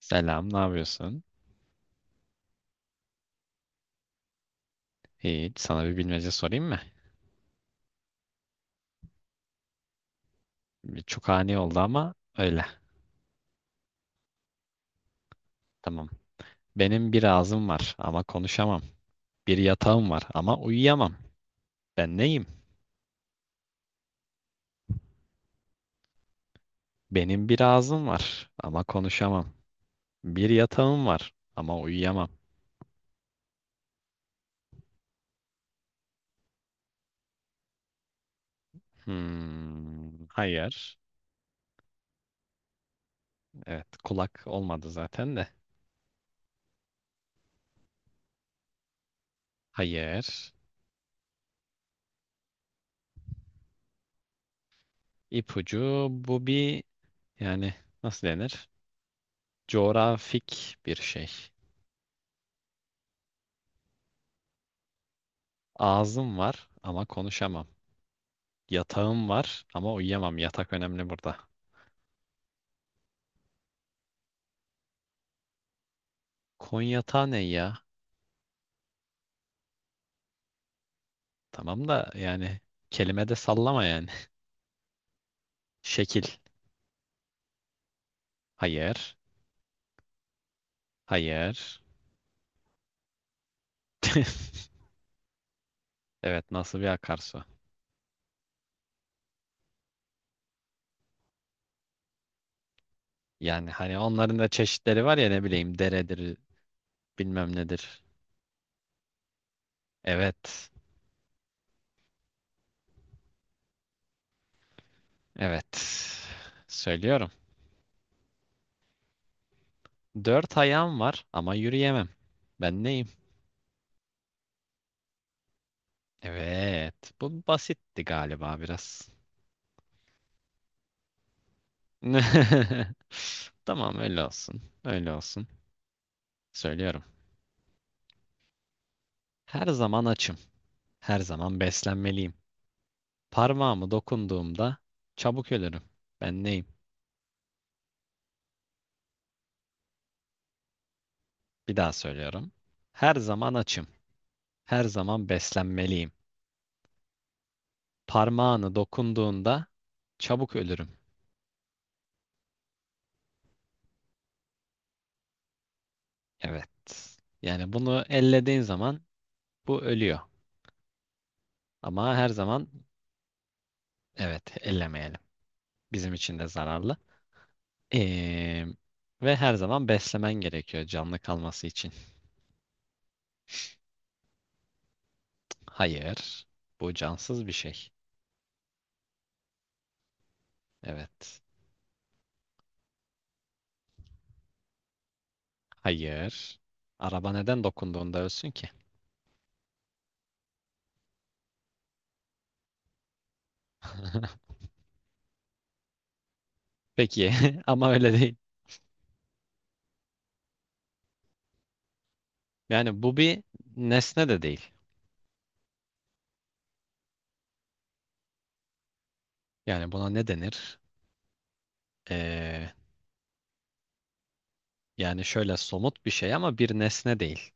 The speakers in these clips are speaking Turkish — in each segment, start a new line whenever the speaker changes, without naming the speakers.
Selam, ne yapıyorsun? Hiç, sana bir bilmece sorayım mı? Bir Çok ani oldu ama öyle. Tamam. Benim bir ağzım var ama konuşamam. Bir yatağım var ama uyuyamam. Ben neyim? Benim bir ağzım var ama konuşamam. Bir yatağım var ama uyuyamam. Hmm, hayır. Evet, kulak olmadı zaten de. Hayır. İpucu bu bir yani nasıl denir? Coğrafik bir şey. Ağzım var ama konuşamam. Yatağım var ama uyuyamam. Yatak önemli burada. Koyun yatağı ne ya? Tamam da kelime de sallama yani. Şekil. Hayır. Hayır. Evet, nasıl bir akarsu? Yani hani onların da çeşitleri var ya, ne bileyim, deredir bilmem nedir. Evet. Evet. Söylüyorum. Dört ayağım var ama yürüyemem. Ben neyim? Evet. Bu basitti galiba biraz. Tamam, öyle olsun. Öyle olsun. Söylüyorum. Her zaman açım. Her zaman beslenmeliyim. Parmağımı dokunduğumda çabuk ölürüm. Ben neyim? Bir daha söylüyorum. Her zaman açım. Her zaman beslenmeliyim. Parmağını dokunduğunda çabuk ölürüm. Evet. Yani bunu ellediğin zaman bu ölüyor. Ama her zaman evet, ellemeyelim. Bizim için de zararlı. Ee, ve her zaman beslemen gerekiyor canlı kalması için. Hayır. Bu cansız bir şey. Evet. Hayır. Araba neden dokunduğunda ölsün ki? Peki ama öyle değil. Yani bu bir nesne de değil. Yani buna ne denir? Ee, yani şöyle somut bir şey ama bir nesne değil.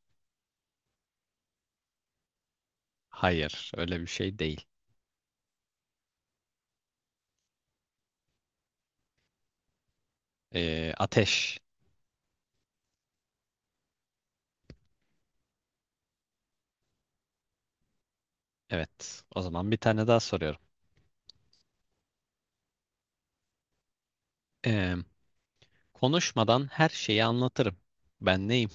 Hayır, öyle bir şey değil. Ateş. Evet. O zaman bir tane daha soruyorum. Ee, konuşmadan her şeyi anlatırım. Ben neyim?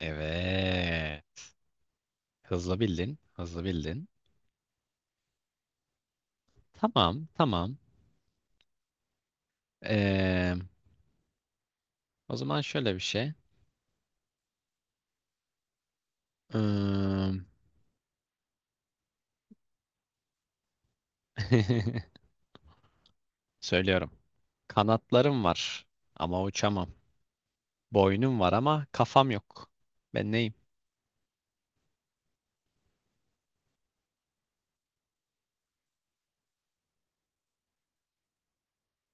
Evet. Hızlı bildin. Hızlı bildin. Tamam, tamam. Ee, o zaman şöyle bir şey. Im, Söylüyorum. Kanatlarım var ama uçamam. Boynum var ama kafam yok. Ben neyim?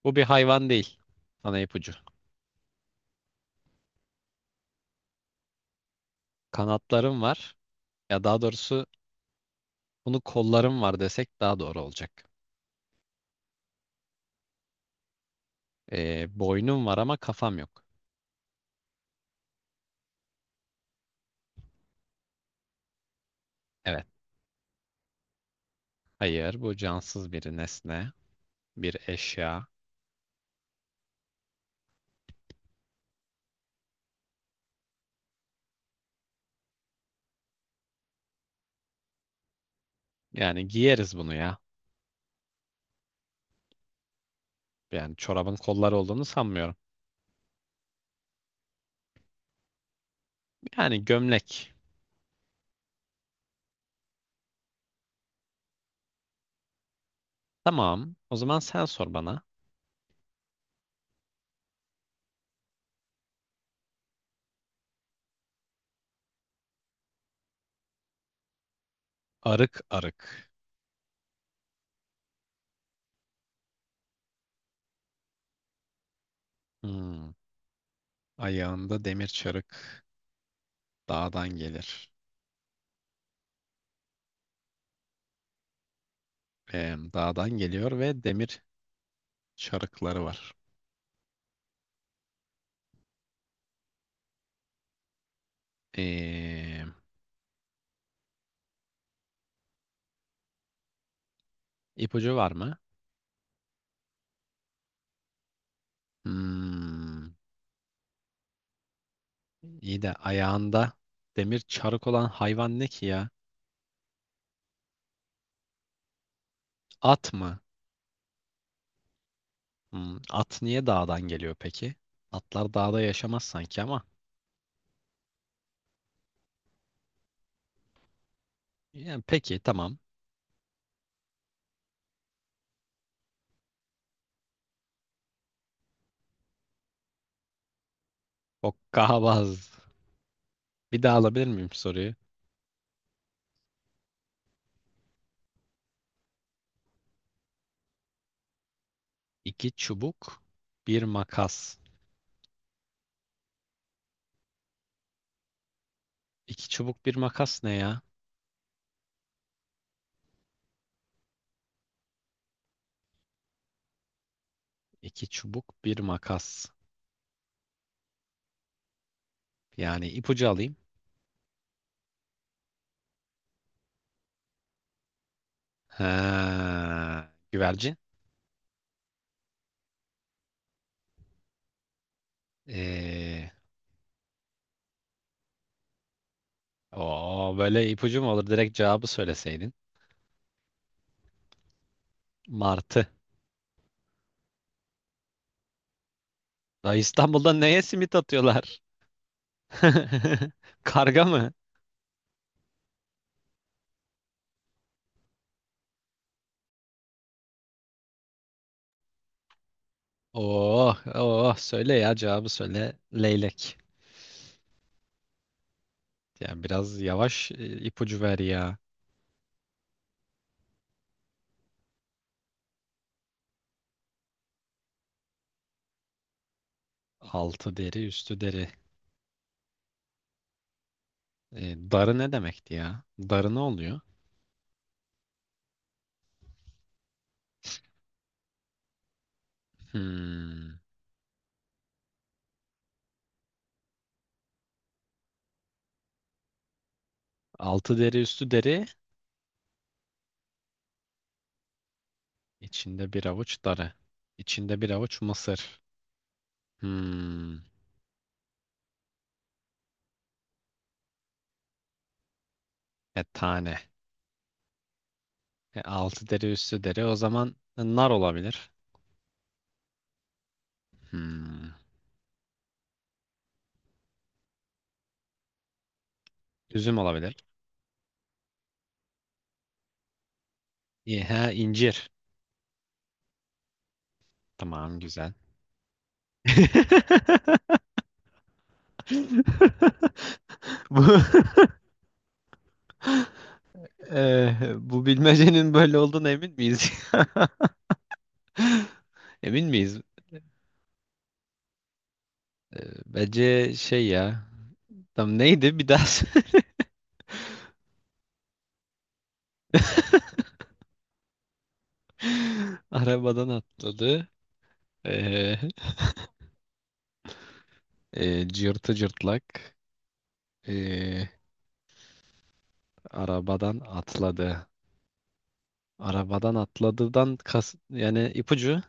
Bu bir hayvan değil. Sana ipucu. Kanatlarım var. Ya daha doğrusu bunu kollarım var desek daha doğru olacak. Boynum var ama kafam yok. Evet. Hayır, bu cansız bir nesne, bir eşya. Yani giyeriz bunu ya. Yani çorabın kolları olduğunu sanmıyorum. Yani gömlek. Tamam. O zaman sen sor bana. Arık arık. Hmm. Ayağında demir çarık, dağdan gelir. Dağdan geliyor ve demir çarıkları var. Ee, ipucu var mı? Hmm. İyi de ayağında demir çarık olan hayvan ne ki ya? At mı? Hmm, at niye dağdan geliyor peki? Atlar dağda yaşamaz sanki ama. Yani peki tamam. Hokkabaz. Bir daha alabilir miyim soruyu? İki çubuk, bir makas. İki çubuk, bir makas ne ya? İki çubuk, bir makas. Yani ipucu alayım. Ha, güvercin. Ee, o böyle ipucu mu olur? Direkt cevabı söyleseydin. Martı. Da İstanbul'da neye simit atıyorlar? Karga mı? Oh, oh, söyle ya, cevabı söyle. Leylek. Yani biraz yavaş ipucu ver ya. Altı deri, üstü deri. E, darı ne demekti ya? Darı ne oluyor? Hmm. Altı deri, üstü deri. İçinde bir avuç darı. İçinde bir avuç mısır. Hmm. E tane. Altı deri, üstü deri. O zaman nar olabilir. Hmm. Üzüm olabilir. İyi, he, incir. Tamam, güzel. Bu, bu bilmecenin böyle olduğuna emin miyiz? Emin miyiz? Bence şey ya. Tam neydi bir daha? Arabadan atladı. E, cırtı cırtlak e, arabadan atladı. Arabadan atladıdan kas, yani ipucu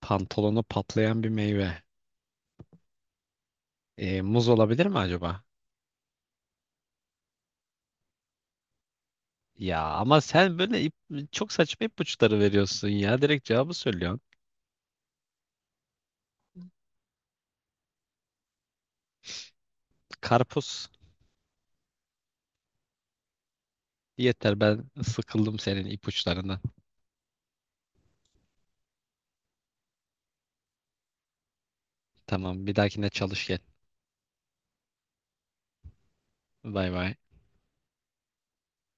pantolonu patlayan bir meyve. Muz olabilir mi acaba? Ya ama sen böyle çok saçma ipuçları veriyorsun ya. Direkt cevabı söylüyorsun. Karpuz. Yeter, ben sıkıldım senin ipuçlarından. Tamam, bir dahakine çalış gel. Bay bay.